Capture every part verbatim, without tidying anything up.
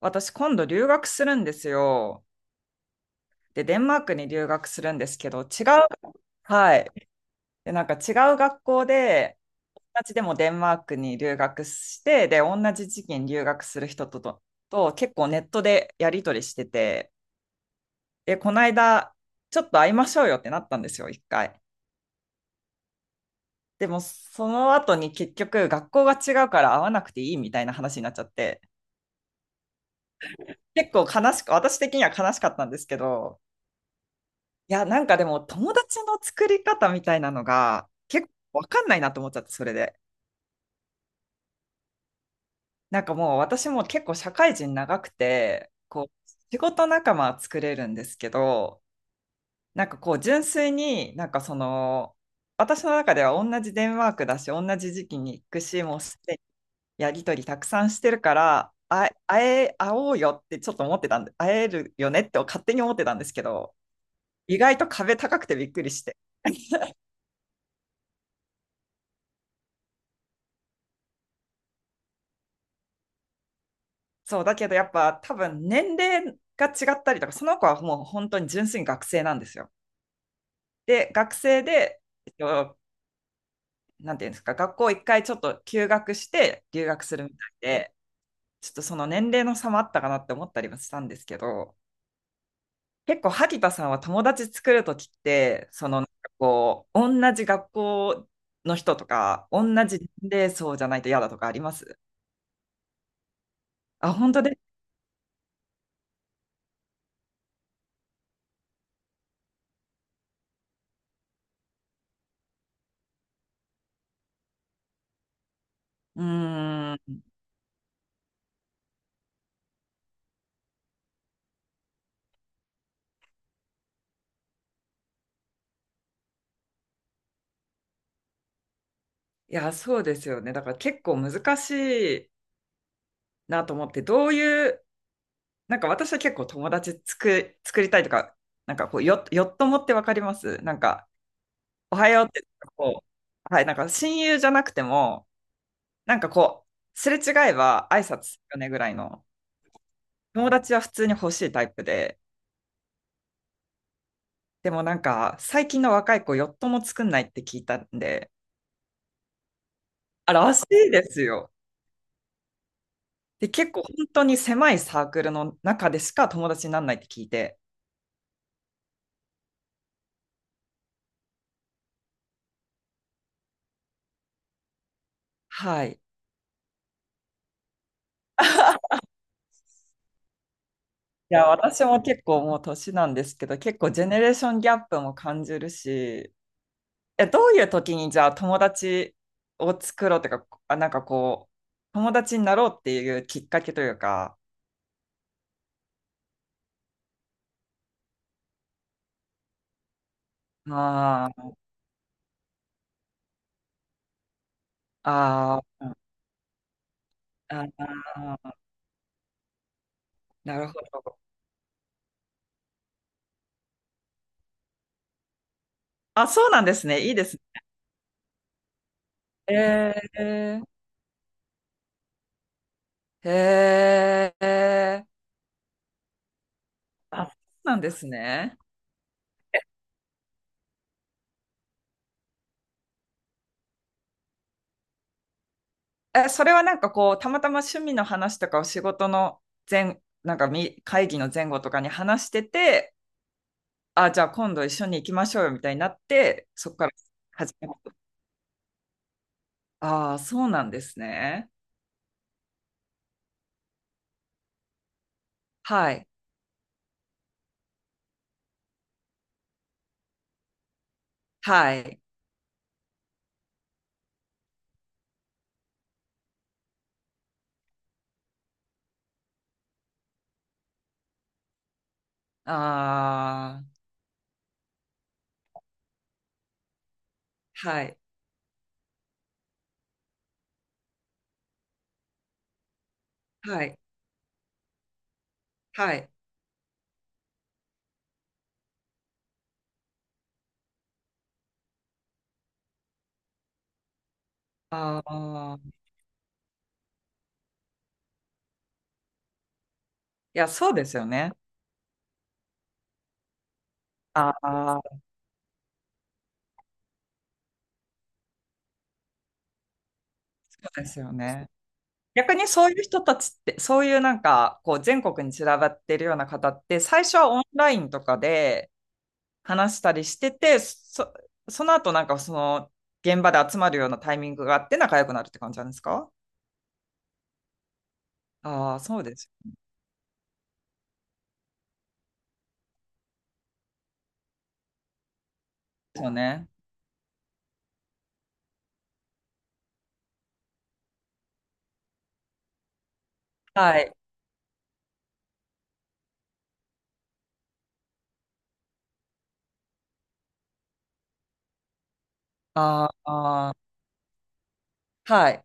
私今度留学するんですよ。で、デンマークに留学するんですけど、違う、はい。で、なんか違う学校で、同じでもデンマークに留学して、で、同じ時期に留学する人とと、と結構ネットでやり取りしてて、で、この間、ちょっと会いましょうよってなったんですよ、一回。でも、その後に結局、学校が違うから会わなくていいみたいな話になっちゃって、結構悲しく、私的には悲しかったんですけど、いや、なんかでも友達の作り方みたいなのが結構わかんないなと思っちゃって、それで。なんかもう私も結構社会人長くて、こう、仕事仲間は作れるんですけど、なんかこう純粋になんかその、私の中では同じデンマークだし、同じ時期に行くし、もうすでにやりとりたくさんしてるから、あ、会え、会おうよってちょっと思ってたんで、会えるよねって勝手に思ってたんですけど、意外と壁高くてびっくりして。そうだけどやっぱ多分年齢が違ったりとか、その子はもう本当に純粋に学生なんですよ。で学生で、えっと、なんていうんですか、学校一回ちょっと休学して留学するみたいで、ちょっとその年齢の差もあったかなって思ったりもしたんですけど、結構萩田さんは友達作るときって、そのなんかこう同じ学校の人とか同じ年齢層じゃないと嫌だとかあります？あ、本当で、うーんいや、そうですよね。だから結構難しいなと思って、どういう、なんか私は結構友達作、作りたいとか、なんかこう、よ、よっともってわかります？なんか、おはようって、こう、はい、なんか親友じゃなくても、なんかこう、すれ違えば挨拶するよねぐらいの、友達は普通に欲しいタイプで、でもなんか、最近の若い子、よっとも作んないって聞いたんで、あ、らしいですよ。で、結構本当に狭いサークルの中でしか友達にならないって聞いて、はい。いや、私も結構もう年なんですけど、結構ジェネレーションギャップも感じるし、え、どういう時にじゃあ友達を作ろうとか、あ、なんかこう、友達になろうっていうきっかけというか、あー、あー、あー、なるほど。あ、そうなんですね。いいですね。えー、えー、あ、そうなんですね。え、それはなんかこう、たまたま趣味の話とかを仕事の前、なんかみ会議の前後とかに話してて、あ、じゃあ今度一緒に行きましょうよみたいになって、そこから始めた。ああ、そうなんですね。はい。はい。ああ、はい。はい。はい。ああ、いや、そうですよね。ああ、そうですよね。逆にそういう人たちって、そういうなんか、こう、全国に散らばってるような方って、最初はオンラインとかで、話したりしてて、そ、その後、なんかその現場で集まるようなタイミングがあって仲良くなるって感じなんですか？ああー、そうですよね。はい。あー、あー、はい。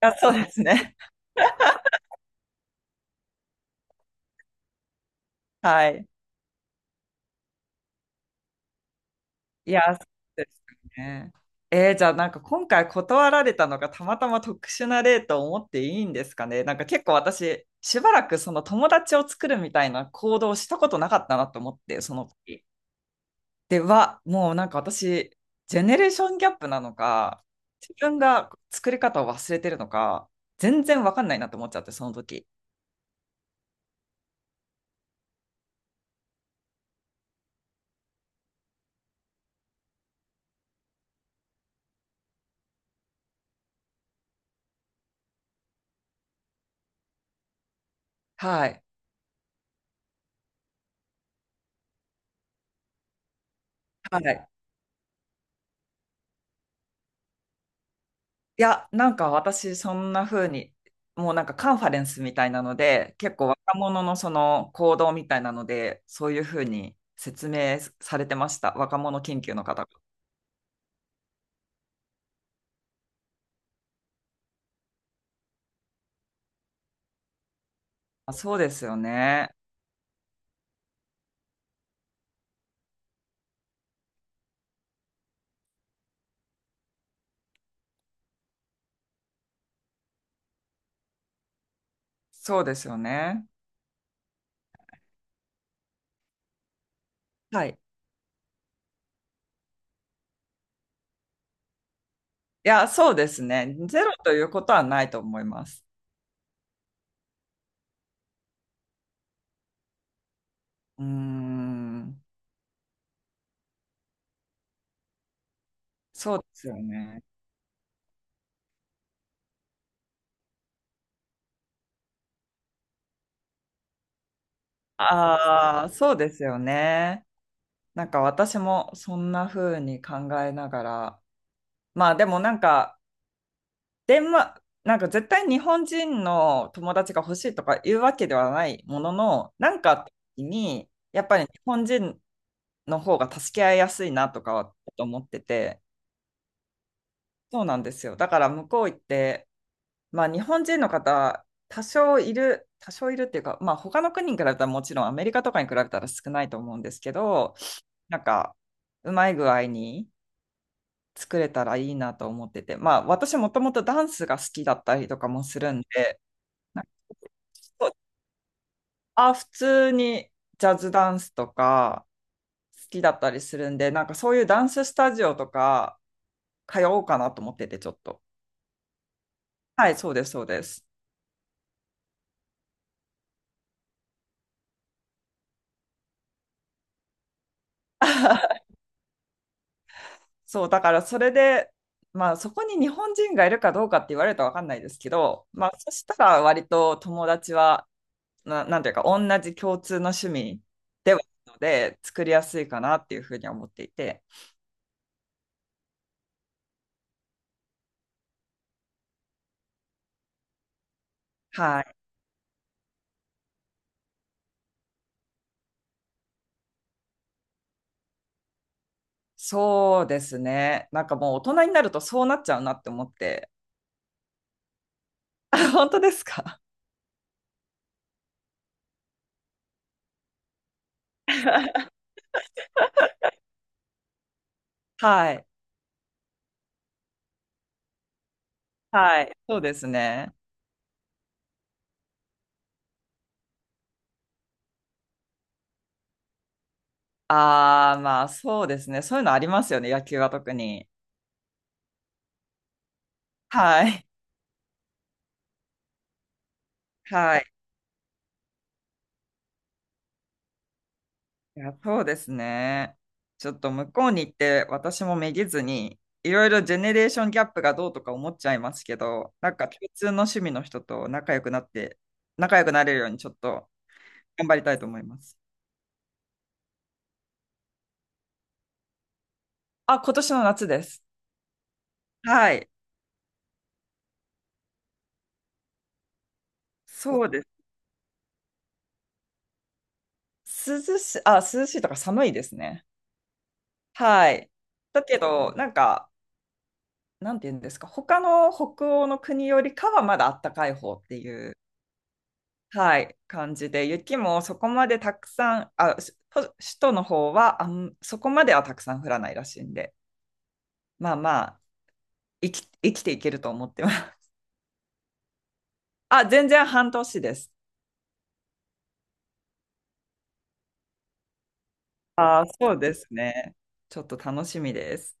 あ、そうですね。はい。いや、そうですよね。えー、じゃあなんか今回断られたのがたまたま特殊な例と思っていいんですかね。なんか結構私、しばらくその友達を作るみたいな行動をしたことなかったなと思って、その時。では、もうなんか私、ジェネレーションギャップなのか、自分が作り方を忘れてるのか、全然わかんないなって思っちゃって、その時。はい。はい。いや、なんか私、そんな風に、もうなんかカンファレンスみたいなので、結構若者のその行動みたいなので、そういう風に説明されてました。若者研究の方が。あ、そうですよね。そうですよね。はい。いや、そうですね。ゼロということはないと思います。うーん、そうですよね。ああ、そうですよね。なんか私もそんな風に考えながら、まあでもなんか、デンマなんか絶対日本人の友達が欲しいとかいうわけではないものの、なんかあった時に、やっぱり日本人の方が助け合いやすいなとかは思ってて、そうなんですよ。だから向こう行って、まあ、日本人の方、多少いる、多少いるっていうか、まあ、他の国に比べたら、もちろんアメリカとかに比べたら少ないと思うんですけど、なんか、うまい具合に作れたらいいなと思ってて、まあ、私もともとダンスが好きだったりとかもするんで、なんかあ、普通にジャズダンスとか好きだったりするんで、なんかそういうダンススタジオとか通おうかなと思ってて、ちょっと。はい、そうです、そうです。そう、だからそれで、まあそこに日本人がいるかどうかって言われると分かんないですけど、まあそしたら割と友達は、な、なんていうか同じ共通の趣味ではあるので作りやすいかなっていうふうに思っていて、はい。そうですね。なんかもう大人になるとそうなっちゃうなって思って。あ、本当ですか？ はい。はい。そうですね。ああ、まあそうですね。そういうのありますよね。野球は特に。はい。はい。いや、そうですね。ちょっと向こうに行って私もめげずに、いろいろジェネレーションギャップがどうとか思っちゃいますけど、なんか共通の趣味の人と仲良くなって、仲良くなれるようにちょっと頑張りたいと思います。あ、今年の夏です。はい。そうです涼し、あ、涼しいとか寒いですね。はい。だけど、なんか、なんて言うんですか、他の北欧の国よりかはまだあったかい方っていう、はい、感じで、雪もそこまでたくさん、あ、しほ首都の方は、あん、そこまではたくさん降らないらしいんで、まあまあ、生き、生きていけると思ってます。あ、全然半年です。あ、そうですね。ちょっと楽しみです。